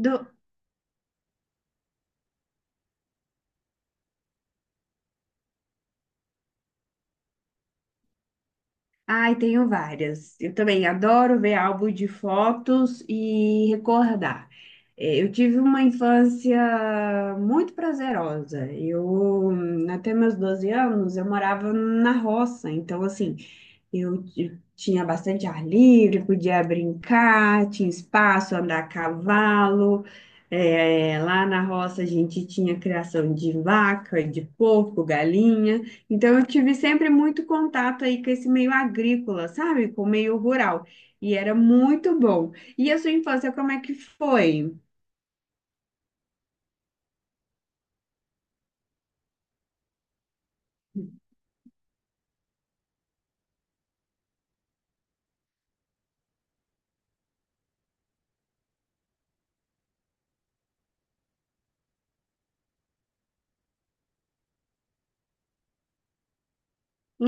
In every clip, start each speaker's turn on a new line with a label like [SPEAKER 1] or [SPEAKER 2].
[SPEAKER 1] Do... Ai, tenho várias. Eu também adoro ver álbum de fotos e recordar. Eu tive uma infância muito prazerosa. Até meus 12 anos, eu morava na roça. Então, assim, eu tinha bastante ar livre, podia brincar, tinha espaço, andar a cavalo. É, lá na roça a gente tinha criação de vaca, de porco, galinha. Então eu tive sempre muito contato aí com esse meio agrícola, sabe? Com o meio rural. E era muito bom. E a sua infância, como é que foi?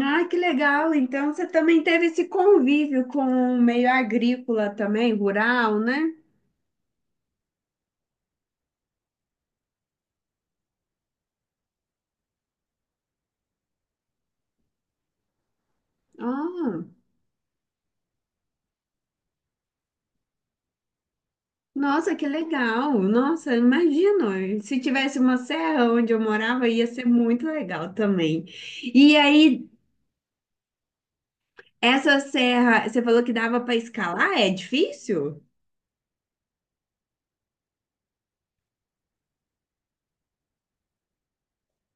[SPEAKER 1] Ah, que legal! Então você também teve esse convívio com o meio agrícola também, rural, né? Ah. Nossa, que legal! Nossa, imagino. Se tivesse uma serra onde eu morava, ia ser muito legal também. E aí, essa serra, você falou que dava para escalar? É difícil?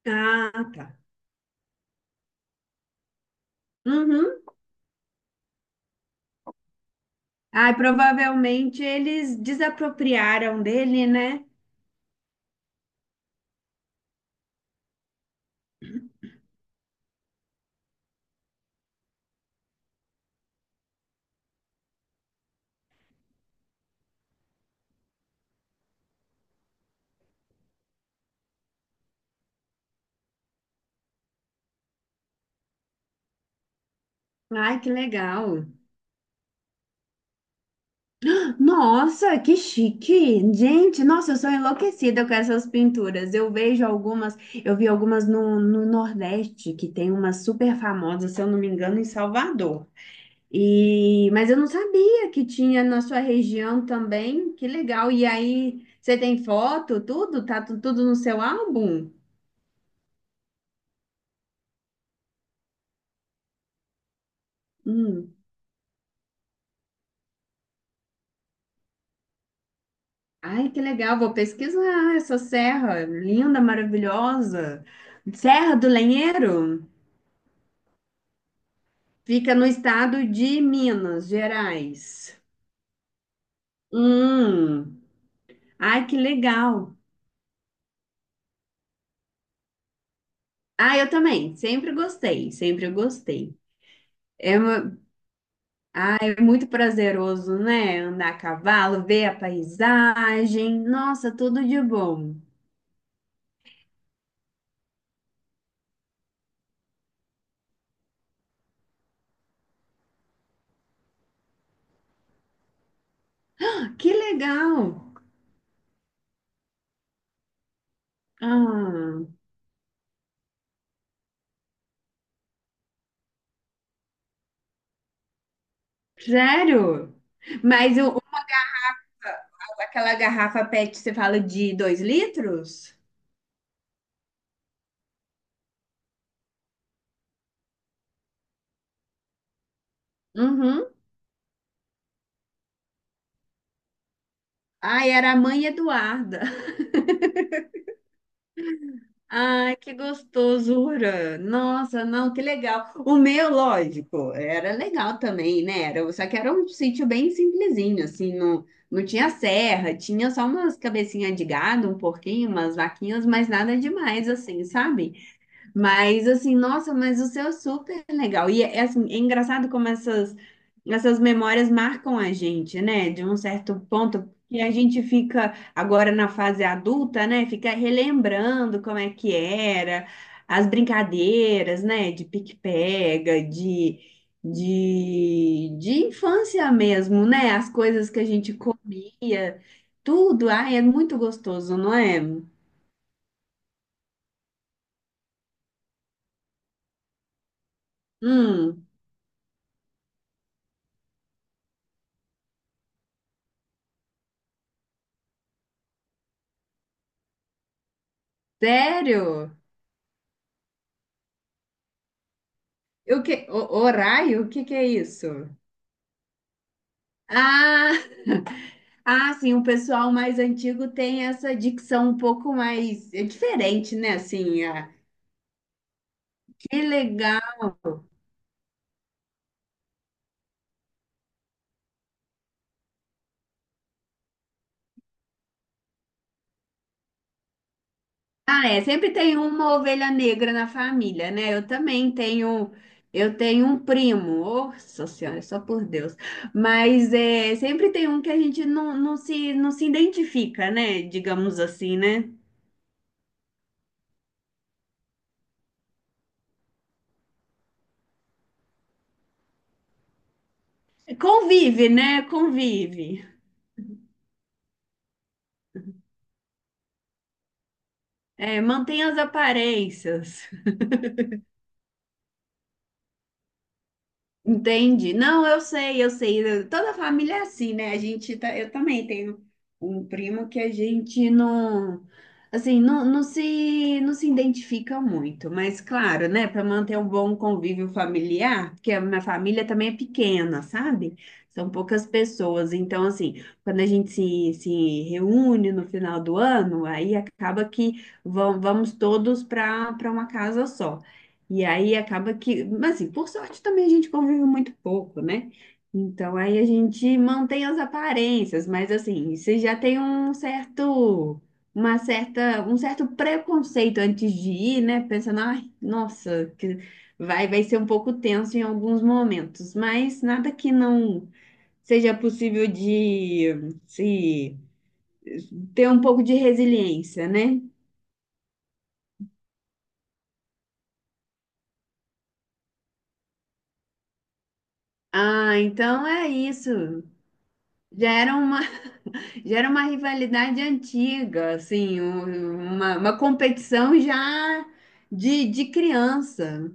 [SPEAKER 1] Ah, tá. Uhum. Ah, provavelmente eles desapropriaram dele, né? Ai, que legal. Nossa, que chique! Gente, nossa, eu sou enlouquecida com essas pinturas. Eu vejo algumas, eu vi algumas no Nordeste, que tem uma super famosa, se eu não me engano, em Salvador. Mas eu não sabia que tinha na sua região também. Que legal! E aí, você tem foto, tudo? Tá tudo no seu álbum? Hum. Ai, que legal! Vou pesquisar essa serra linda, maravilhosa. Serra do Lenheiro? Fica no estado de Minas Gerais. Hum, ai, que legal. Ah, eu também, sempre gostei, sempre gostei. É, ah, é muito prazeroso, né? Andar a cavalo, ver a paisagem. Nossa, tudo de bom. Ah, que legal. Ah, sério? Mas aquela garrafa PET, você fala de 2 litros? Uhum. Ai, era a mãe Eduarda. Ai, que gostosura! Nossa, não, que legal. O meu, lógico, era legal também, né? Era, só que era um sítio bem simplesinho, assim, não tinha serra, tinha só umas cabecinhas de gado, um porquinho, umas vaquinhas, mas nada demais, assim, sabe? Mas assim, nossa, mas o seu é super legal. E é, assim, é engraçado como essas memórias marcam a gente, né? De um certo ponto, que a gente fica agora na fase adulta, né? Fica relembrando como é que era, as brincadeiras, né? De pique-pega, de infância mesmo, né? As coisas que a gente comia, tudo. Ai, é muito gostoso, não é? Hum, sério? O que, horário? O que que é isso? Ah, ah, sim, o pessoal mais antigo tem essa dicção um pouco mais é diferente, né? Assim, ah, que legal. Ah, é, sempre tem uma ovelha negra na família, né? Eu também tenho, eu tenho um primo, nossa senhora, só por Deus. Mas é, sempre tem um que a gente não se identifica, né? Digamos assim, né? Convive, né? Convive. É, mantém as aparências. Entende? Não, eu sei, eu sei. Toda família é assim, né? A gente tá, eu também tenho um primo que a gente assim, não se identifica muito, mas claro, né? Para manter um bom convívio familiar, porque a minha família também é pequena, sabe? São poucas pessoas, então assim, quando a gente se reúne no final do ano, aí acaba que vamos todos para uma casa só. E aí acaba que, mas assim, por sorte também a gente convive muito pouco, né? Então aí a gente mantém as aparências, mas assim, você já tem um certo, um certo preconceito antes de ir, né? Pensando, ai, nossa, que vai ser um pouco tenso em alguns momentos, mas nada que não seja possível de se ter um pouco de resiliência, né? Ah, então é isso. Já era uma Já era uma rivalidade antiga, assim, uma competição já de criança.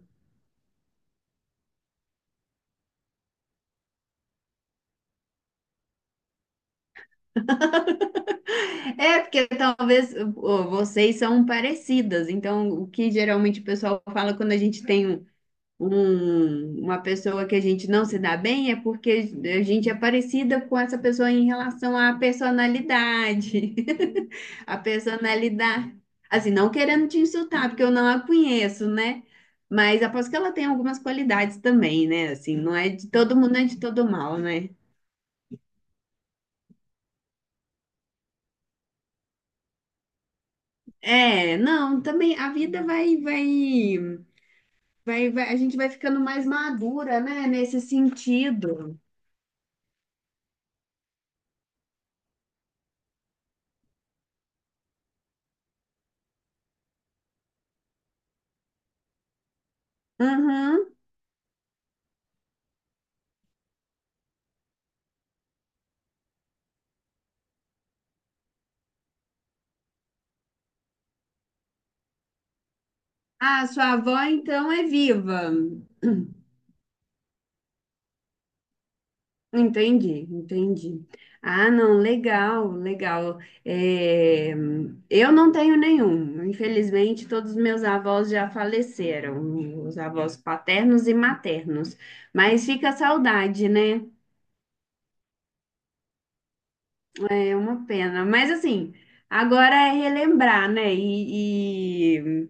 [SPEAKER 1] É, porque talvez vocês são parecidas, então o que geralmente o pessoal fala quando a gente tem uma pessoa que a gente não se dá bem é porque a gente é parecida com essa pessoa em relação à personalidade. A personalidade, assim, não querendo te insultar, porque eu não a conheço, né? Mas aposto que ela tem algumas qualidades também, né? Assim, não é de todo mundo, não é de todo mal, né? É, não, também a vida a gente vai ficando mais madura, né? Nesse sentido. Uhum. Ah, sua avó então é viva. Entendi, entendi. Ah, não, legal, legal. É, eu não tenho nenhum. Infelizmente, todos os meus avós já faleceram, os avós paternos e maternos. Mas fica a saudade, né? É uma pena. Mas assim, agora é relembrar, né?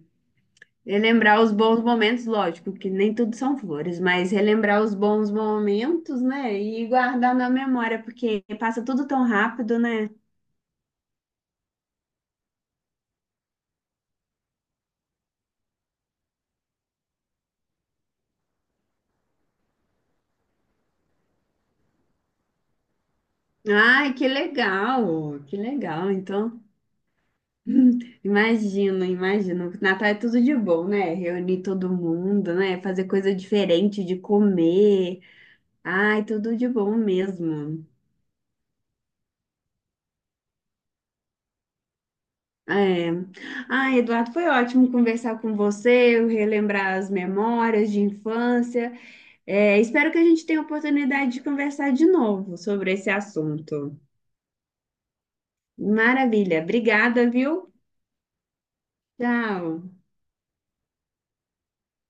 [SPEAKER 1] Relembrar os bons momentos, lógico, que nem tudo são flores, mas relembrar os bons momentos, né? E guardar na memória, porque passa tudo tão rápido, né? Ai, que legal, que legal. Então, imagino, imagino. Natal é tudo de bom, né? Reunir todo mundo, né? Fazer coisa diferente de comer. Ai, tudo de bom mesmo. É. Ai, Eduardo, foi ótimo conversar com você, relembrar as memórias de infância. É, espero que a gente tenha a oportunidade de conversar de novo sobre esse assunto. Maravilha. Obrigada, viu? Tchau.